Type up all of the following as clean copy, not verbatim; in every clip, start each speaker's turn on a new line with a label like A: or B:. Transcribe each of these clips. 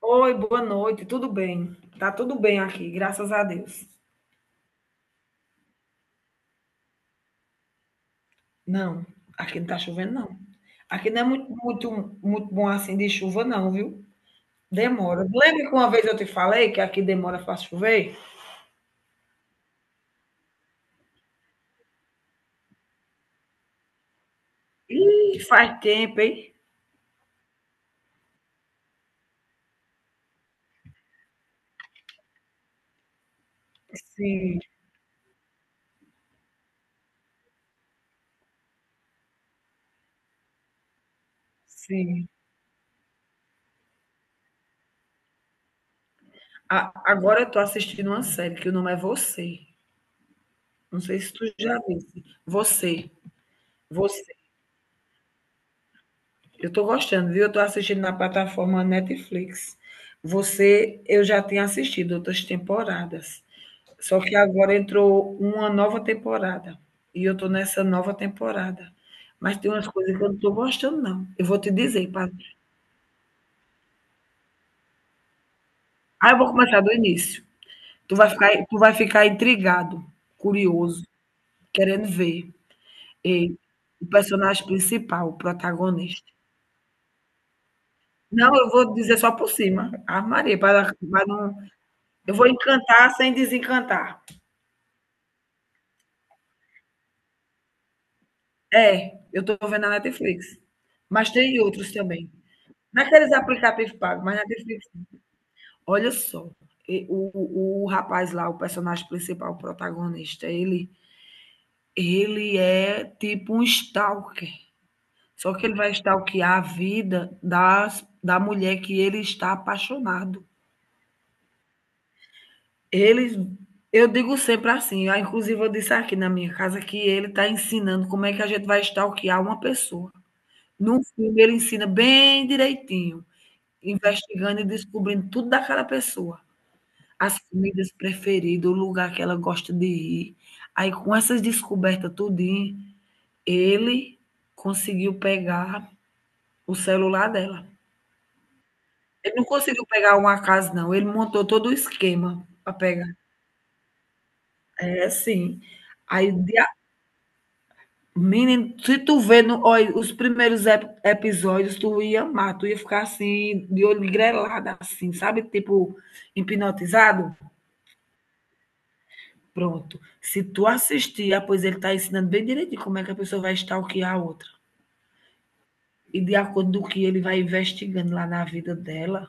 A: Oi, boa noite, tudo bem? Tá tudo bem aqui, graças a Deus. Não, aqui não tá chovendo, não. Aqui não é muito, muito, muito bom assim de chuva, não, viu? Demora. Lembra que uma vez eu te falei que aqui demora para chover? Ih, faz tempo, hein? Sim, sim. Agora eu tô assistindo uma série que o nome é Você. Não sei se tu já disse. Você. Você. Eu tô gostando, viu? Eu tô assistindo na plataforma Netflix. Você, eu já tinha assistido outras temporadas. Só que agora entrou uma nova temporada. E eu tô nessa nova temporada. Mas tem umas coisas que eu não tô gostando, não. Eu vou te dizer, eu vou começar do início. Tu vai ficar intrigado, curioso, querendo ver. E o personagem principal, o protagonista. Não, eu vou dizer só por cima. Ave Maria, para não. Eu vou encantar sem desencantar. É, eu estou vendo na Netflix. Mas tem outros também. Naqueles aplicativos pagos, mas na Netflix. Olha só, o rapaz lá, o personagem principal, o protagonista, ele é tipo um stalker. Só que ele vai stalkear a vida das, da mulher que ele está apaixonado. Eles, eu digo sempre assim, ah, inclusive eu disse aqui na minha casa que ele está ensinando como é que a gente vai stalkear uma pessoa. Num filme ele ensina bem direitinho, investigando e descobrindo tudo daquela pessoa, as comidas preferidas, o lugar que ela gosta de ir. Aí com essas descobertas tudinho, ele conseguiu pegar o celular dela. Ele não conseguiu pegar uma casa não, ele montou todo o esquema para pegar. É, sim. Aí de menino, se tu vê no, olha, os primeiros episódios, tu ia amar, tu ia ficar assim, de olho grelado, assim, sabe? Tipo, hipnotizado? Pronto. Se tu assistir, ah, pois ele está ensinando bem direitinho como é que a pessoa vai stalkear a outra. E de acordo com o que ele vai investigando lá na vida dela,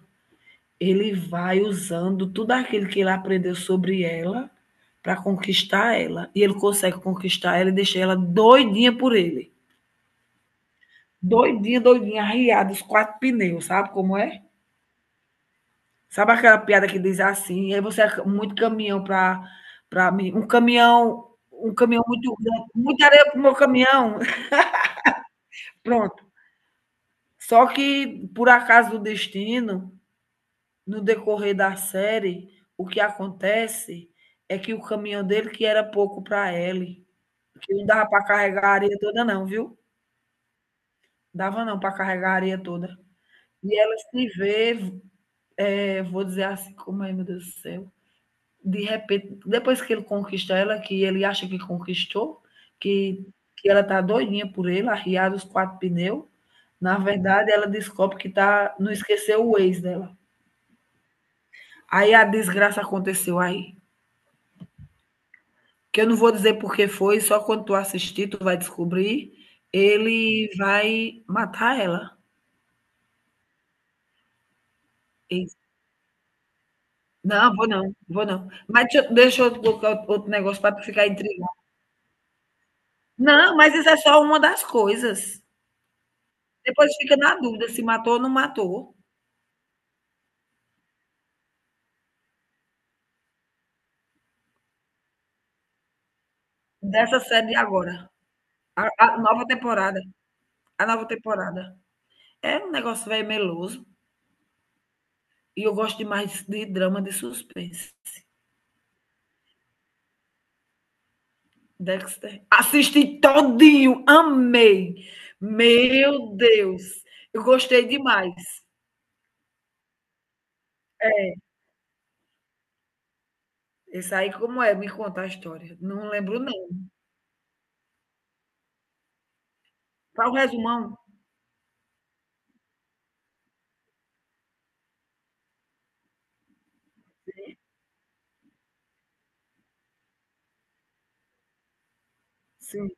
A: ele vai usando tudo aquilo que ele aprendeu sobre ela para conquistar ela. E ele consegue conquistar ela e deixar ela doidinha por ele. Doidinha, doidinha, arriada, os quatro pneus, sabe como é? Sabe aquela piada que diz assim, e aí você é muito caminhão para mim, um caminhão muito grande, muita areia pro meu caminhão. Pronto. Só que, por acaso do destino, no decorrer da série, o que acontece é que o caminhão dele, que era pouco para ele, que não dava para carregar a areia toda não, viu? Dava não para carregar a areia toda. E ela se vê. É, vou dizer assim, como é, meu Deus do céu. De repente, depois que ele conquista ela, que ele acha que conquistou, que, que ela tá doidinha por ele, arriada os quatro pneus, na verdade ela descobre que tá, não esqueceu o ex dela. Aí a desgraça aconteceu aí. Que eu não vou dizer por que foi, só quando tu assistir tu vai descobrir. Ele vai matar ela. E- Não, vou não, vou não. Mas deixa, deixa eu colocar outro negócio para tu ficar intrigado. Não, mas isso é só uma das coisas. Depois fica na dúvida se matou ou não matou, dessa série de agora. A nova temporada, a nova temporada. É um negócio velho meloso, e eu gosto demais de drama de suspense. Dexter. Assisti todinho, amei. Meu Deus, eu gostei demais. É, esse aí como é? Me conta a história. Não lembro não. Para o resumão? Sim,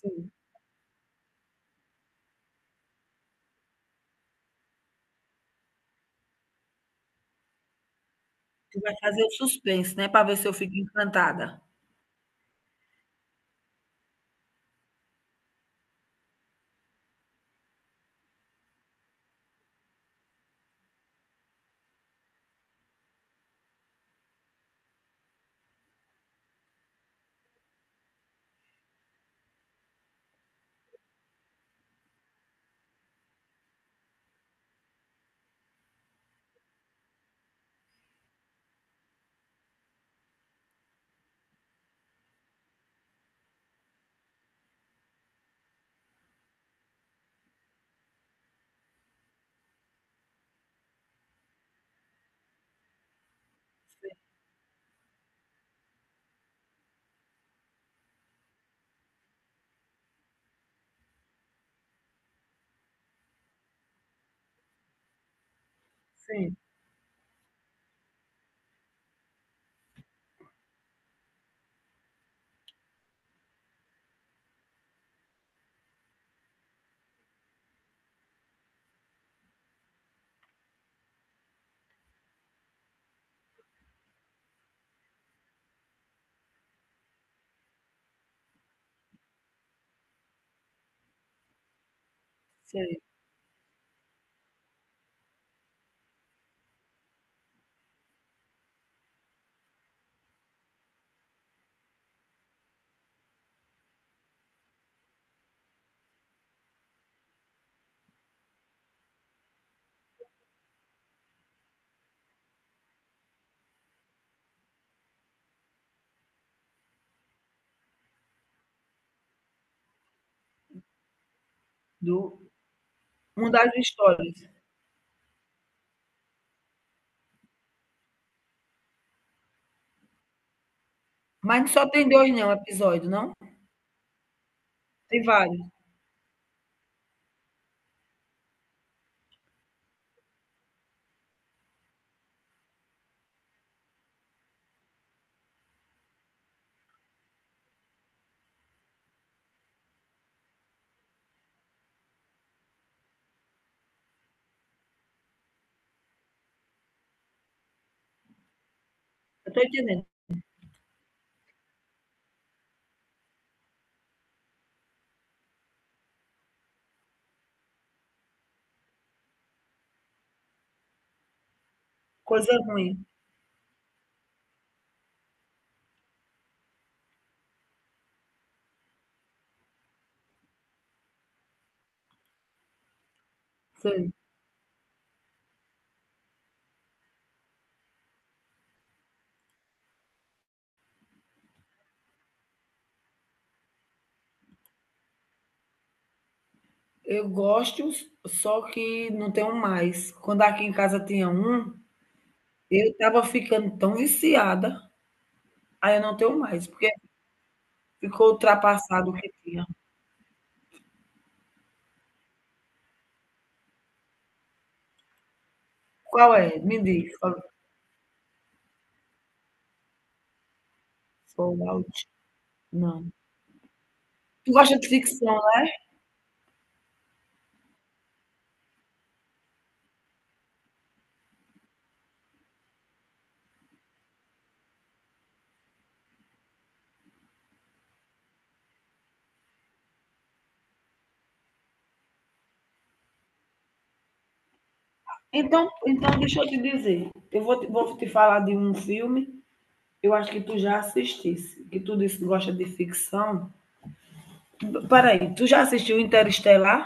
A: sim. Você vai fazer o suspense, né, para ver se eu fico encantada. Sim, sim. Do um das histórias. Mas só tem dois, não, episódio, não? Tem vários. Eu tô entendendo. Coisa ruim. Sei. Eu gosto, só que não tenho mais. Quando aqui em casa tinha um, eu estava ficando tão viciada, aí eu não tenho mais, porque ficou ultrapassado o que tinha. Qual é? Me diz. É? Fallout. Não. Tu gosta de ficção? Então, então deixa eu te dizer. Eu vou te falar de um filme, eu acho que tu já assistisse, que tu disse que gosta de ficção. Peraí, tu já assistiu Interestelar?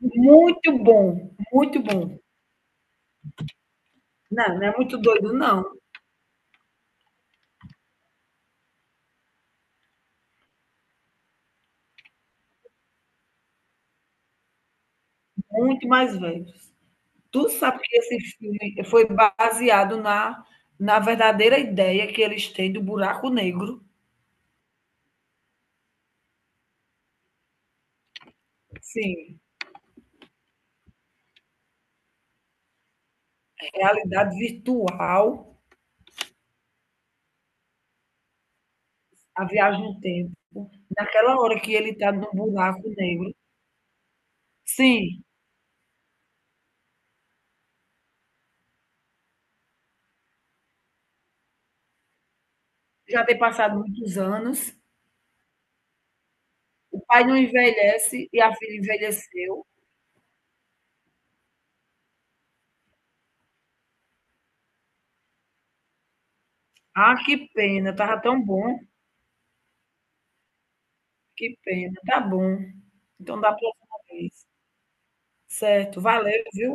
A: Muito bom, muito bom. Não, não é muito doido, não. Muito mais velho. Tu sabe que esse filme foi baseado na, na verdadeira ideia que eles têm do buraco negro. Sim, realidade virtual, a viagem no tempo. Naquela hora que ele está no buraco negro, sim, já tem passado muitos anos, o pai não envelhece e a filha envelheceu. Ah, que pena, estava tão bom, que pena, tá bom. Então da próxima vez. Certo, valeu, viu.